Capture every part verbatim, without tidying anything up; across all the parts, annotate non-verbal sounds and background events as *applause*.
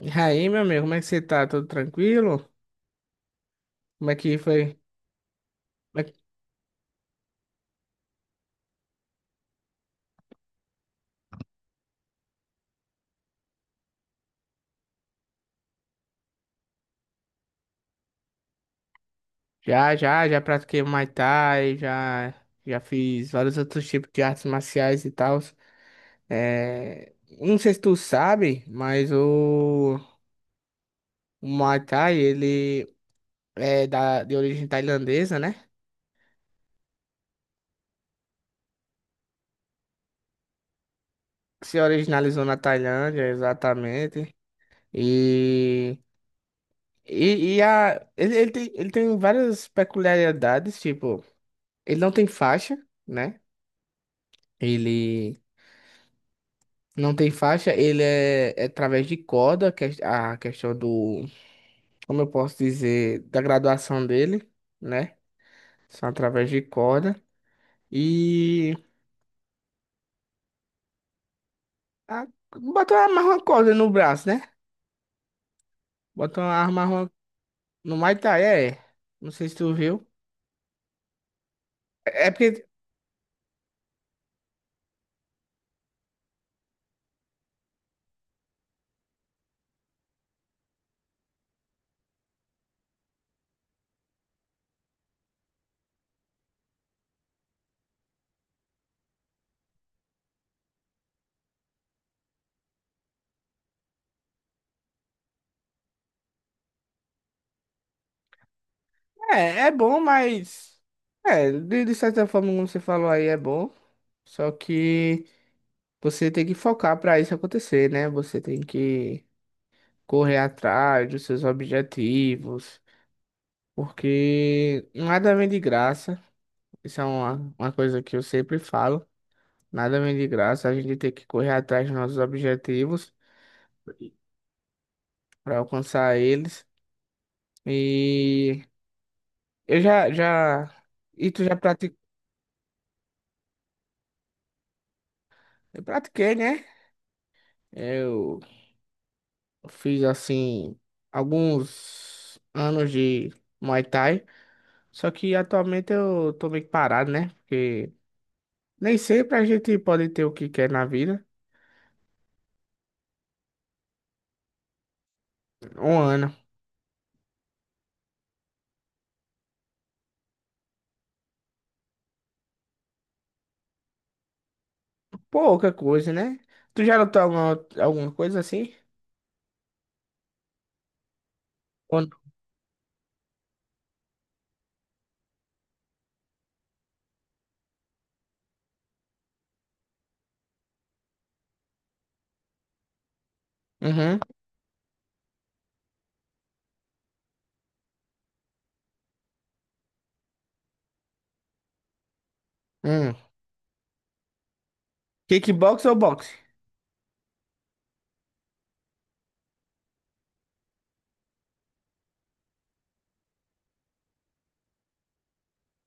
E aí, meu amigo, como é que você tá? Tudo tranquilo? Como é que foi? Como é que- Já, já, já pratiquei Muay Thai, já, já fiz vários outros tipos de artes marciais e tal. É... Não sei se tu sabe, mas o, o Muay Thai, ele é da... de origem tailandesa, né? Se originalizou na Tailândia, exatamente. E, e, e a... ele, ele tem... ele tem várias peculiaridades, tipo, ele não tem faixa, né? Ele Não tem faixa, ele é, é através de corda, que é a questão do, como eu posso dizer, da graduação dele, né? São através de corda. E a, botou uma amarra uma corda no braço, né? Botou uma arma uma- no Muay Thai, é. Não sei se tu viu. É é porque é, é bom, mas é, de, de certa forma, como você falou aí, é bom. Só que você tem que focar pra isso acontecer, né? Você tem que correr atrás dos seus objetivos. Porque nada vem de graça. Isso é uma, uma coisa que eu sempre falo. Nada vem de graça. A gente tem que correr atrás dos nossos objetivos para alcançar eles. E eu já, já, e tu já prati- eu pratiquei, né? Eu fiz assim alguns anos de Muay Thai. Só que atualmente eu tô meio que parado, né? Porque nem sempre a gente pode ter o que quer na vida. Um ano. Pouca coisa, né? Tu já lutou alguma, alguma coisa assim? Quando... Uhum. Hum. Kickbox ou boxe?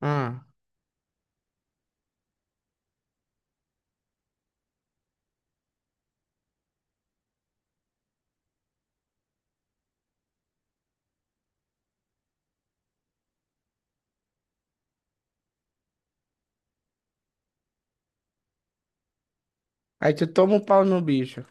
Ah. Aí tu toma um pau no bicho.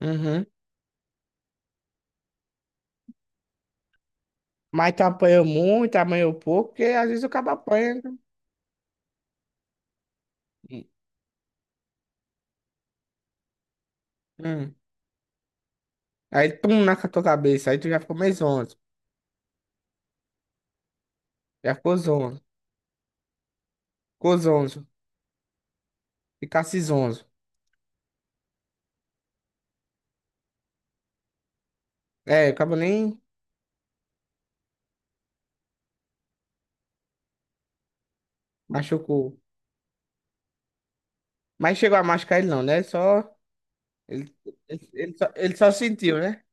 Uhum. Mas tu apanhou muito, apanhou pouco, porque às vezes o cabo apanha, né? Hum. Hum. Aí pum na tua cabeça. Aí tu já ficou meio zonzo. Já ficou zonzo. Ficou zonzo. Ficasse zonzo. É, o cabo nem machucou. Mas chegou a machucar ele não, né? Só. Ele, ele, ele só, ele só sentiu, né?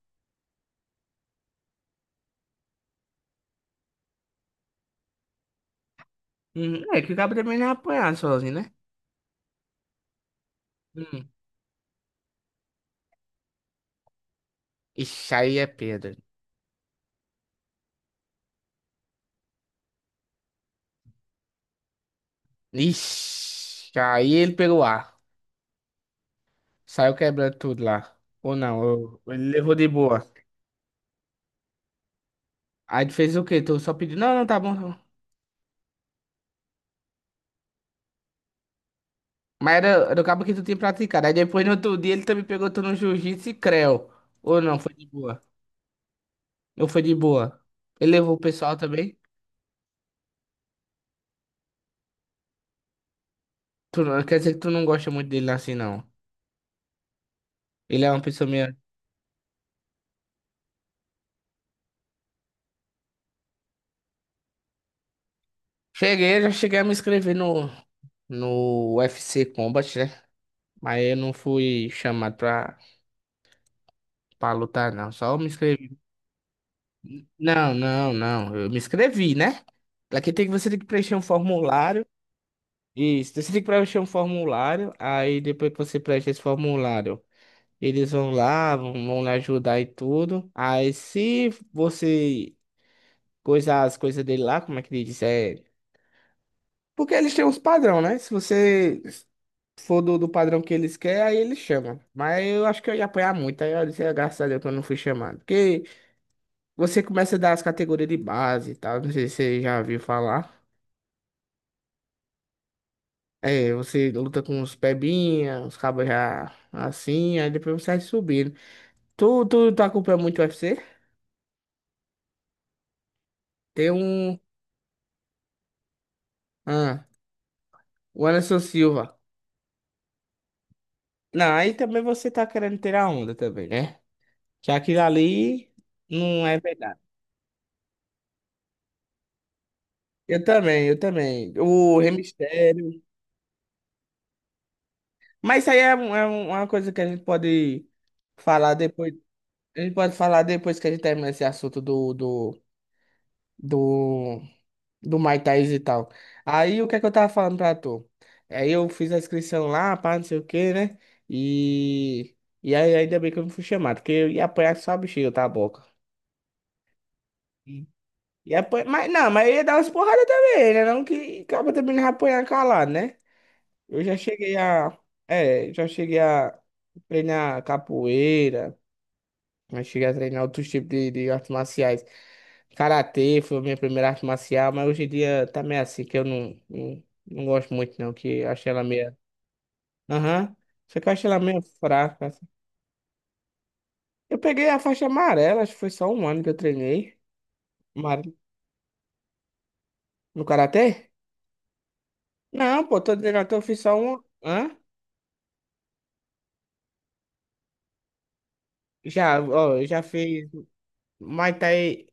Hum. É que o cabo também não é apanhar sozinho, né? Ixi, aí é pedra. Ixi, aí ele pegou ar. Saiu quebrando tudo lá. Ou não, eu- ele levou de boa. Aí tu fez o quê? Tu só pediu, "Não, não, tá bom, tá bom." Mas era, era o cabo que tu tinha praticado. Aí depois no outro dia ele também pegou tu no jiu-jitsu e creu. Ou não, foi de boa. Ou foi de boa. Ele levou o pessoal também. Tu, não- Quer dizer que tu não gosta muito dele assim, não. Ele é uma pessoa meio. Cheguei, já cheguei a me inscrever no, no U F C Combat, né? Mas eu não fui chamado pra. Pra lutar, não. Só eu me inscrevi. Não, não, não. Eu me inscrevi, né? Aqui tem que você tem que preencher um formulário. Isso, você tem que preencher um formulário. Aí depois que você preenche esse formulário, eles vão lá, vão, vão lhe ajudar e tudo. Aí se você coisar as coisas dele lá, como é que ele diz? É... Porque eles têm uns padrão, né? Se você for do, do padrão que eles querem, aí eles chamam. Mas eu acho que eu ia apanhar muito. Aí eu disse, "Ah, graças a Deus que eu não fui chamado." Porque você começa a dar as categorias de base e tal. Não sei se você já ouviu falar. É, você luta com os pebinha, os cabos já assim, aí depois você vai subindo. Tu, tu, tu acompanha muito o U F C? Tem um. Ah, o Anderson Silva. Não, aí também você tá querendo ter a onda também, né? Que aquilo ali não é verdade. Eu também, eu também. O Rei Mistério. Mas isso aí é, um- é um- uma coisa que a gente pode falar depois. A gente pode falar depois que a gente terminar esse assunto do, do do, do Muay Thai e tal. Aí o que é que eu tava falando pra tu? Aí eu fiz a inscrição lá, pá, não sei o que, né? E, e aí ainda bem que eu não fui chamado, porque eu ia apanhar só a bexiga, tá, boca. E e apanha... Mas não, mas eu ia dar umas porradas também, né? Não que acaba também não ia apanhar calado, né? Eu já cheguei a. É, já cheguei a treinar capoeira, já cheguei a treinar outros tipos de, de artes marciais. Karatê foi a minha primeira arte marcial, mas hoje em dia tá meio assim, que eu não, não, não gosto muito não, que eu achei ela meio... Aham, só que eu achei ela meio fraca, assim. Eu peguei a faixa amarela, acho que foi só um ano que eu treinei. Amare- No Karatê? Não, pô, tô dizendo que eu fiz só um... Hã? Já, ó, eu já fiz Muay Thai,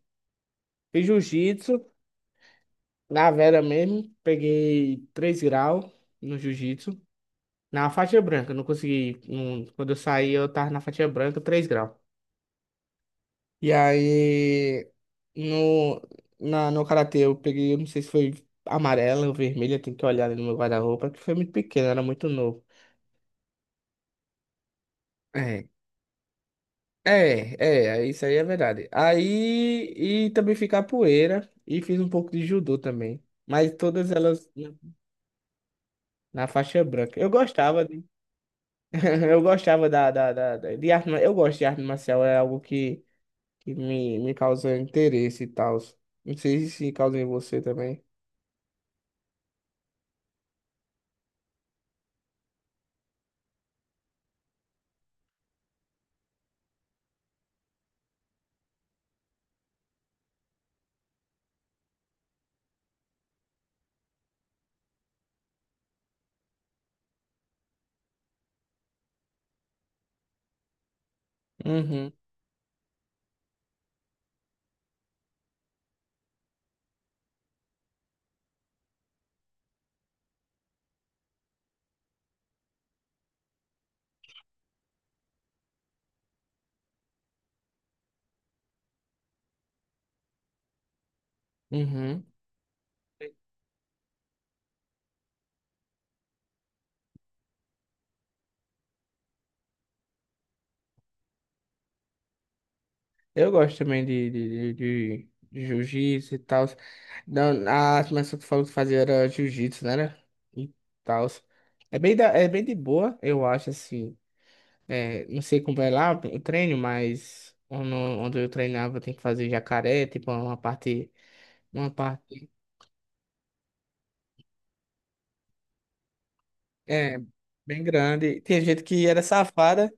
fiz Jiu-Jitsu, na Vera mesmo, peguei três graus no Jiu-Jitsu. Na faixa branca, não consegui. Não- quando eu saí, eu tava na faixa branca, três graus. E aí, no, na, no karatê eu peguei, eu não sei se foi amarela ou vermelha, tem que olhar ali no meu guarda-roupa, que foi muito pequeno, era muito novo. É, é, é, isso aí é verdade. Aí, e também fiz capoeira, e fiz um pouco de judô também. Mas todas elas na na faixa branca. Eu gostava, de, *laughs* eu gostava da, da, da, da- de arte, ma- eu gosto de arte marcial, é algo que, que me, me causa interesse e tal. Não sei se causa em você também. Uhum, uhum. Eu gosto também de, de, de, de- de jiu-jitsu e tal. Não, a armação que tu falou que fazia era jiu-jitsu, né? Né? E tal. É bem, da, é bem de boa, eu acho, assim. É, não sei como é lá o treino, mas onde, onde eu treinava tem que fazer jacaré, tipo, uma parte, uma parte, é, bem grande. Tinha gente que era safada,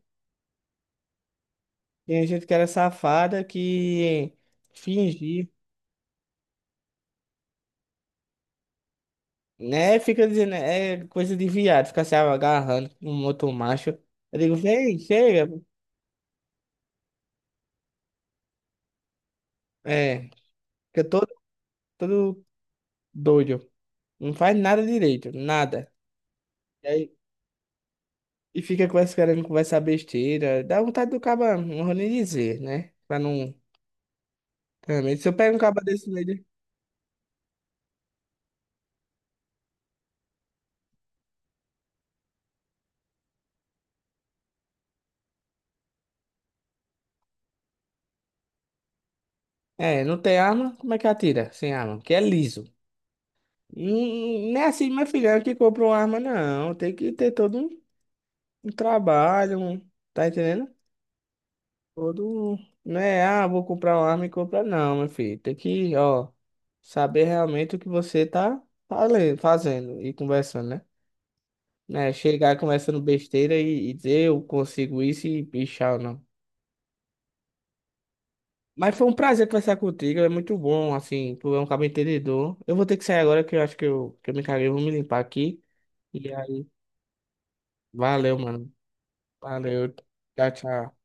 tinha gente que era safada que fingia. Né? Fica dizendo, é coisa de viado, fica se agarrando com um outro macho. Eu digo, vem, chega. É, fica todo, todo doido. Não faz nada direito, nada. E aí, e fica com essa querendo conversar besteira. Dá vontade do caba, não vou nem dizer, né? Pra não. Também, se eu pego um caba desse no meio. de- É, não tem arma, como é que atira sem arma? Que é liso. Hum, Não é assim, meu filho, é que compra uma arma, não. Tem que ter todo um, um trabalho, um- tá entendendo? Todo, não é, ah, vou comprar uma arma e comprar, não, meu filho. Tem que, ó, saber realmente o que você tá falen- fazendo e conversando, né? Né, chegar conversando besteira e, e dizer eu consigo isso e bichar ou não. Mas foi um prazer conversar contigo, é muito bom, assim, tu é um cara entendedor. Eu vou ter que sair agora que eu acho que eu, que eu me caguei, eu vou me limpar aqui. E aí, valeu, mano. Valeu. Tchau, tchau.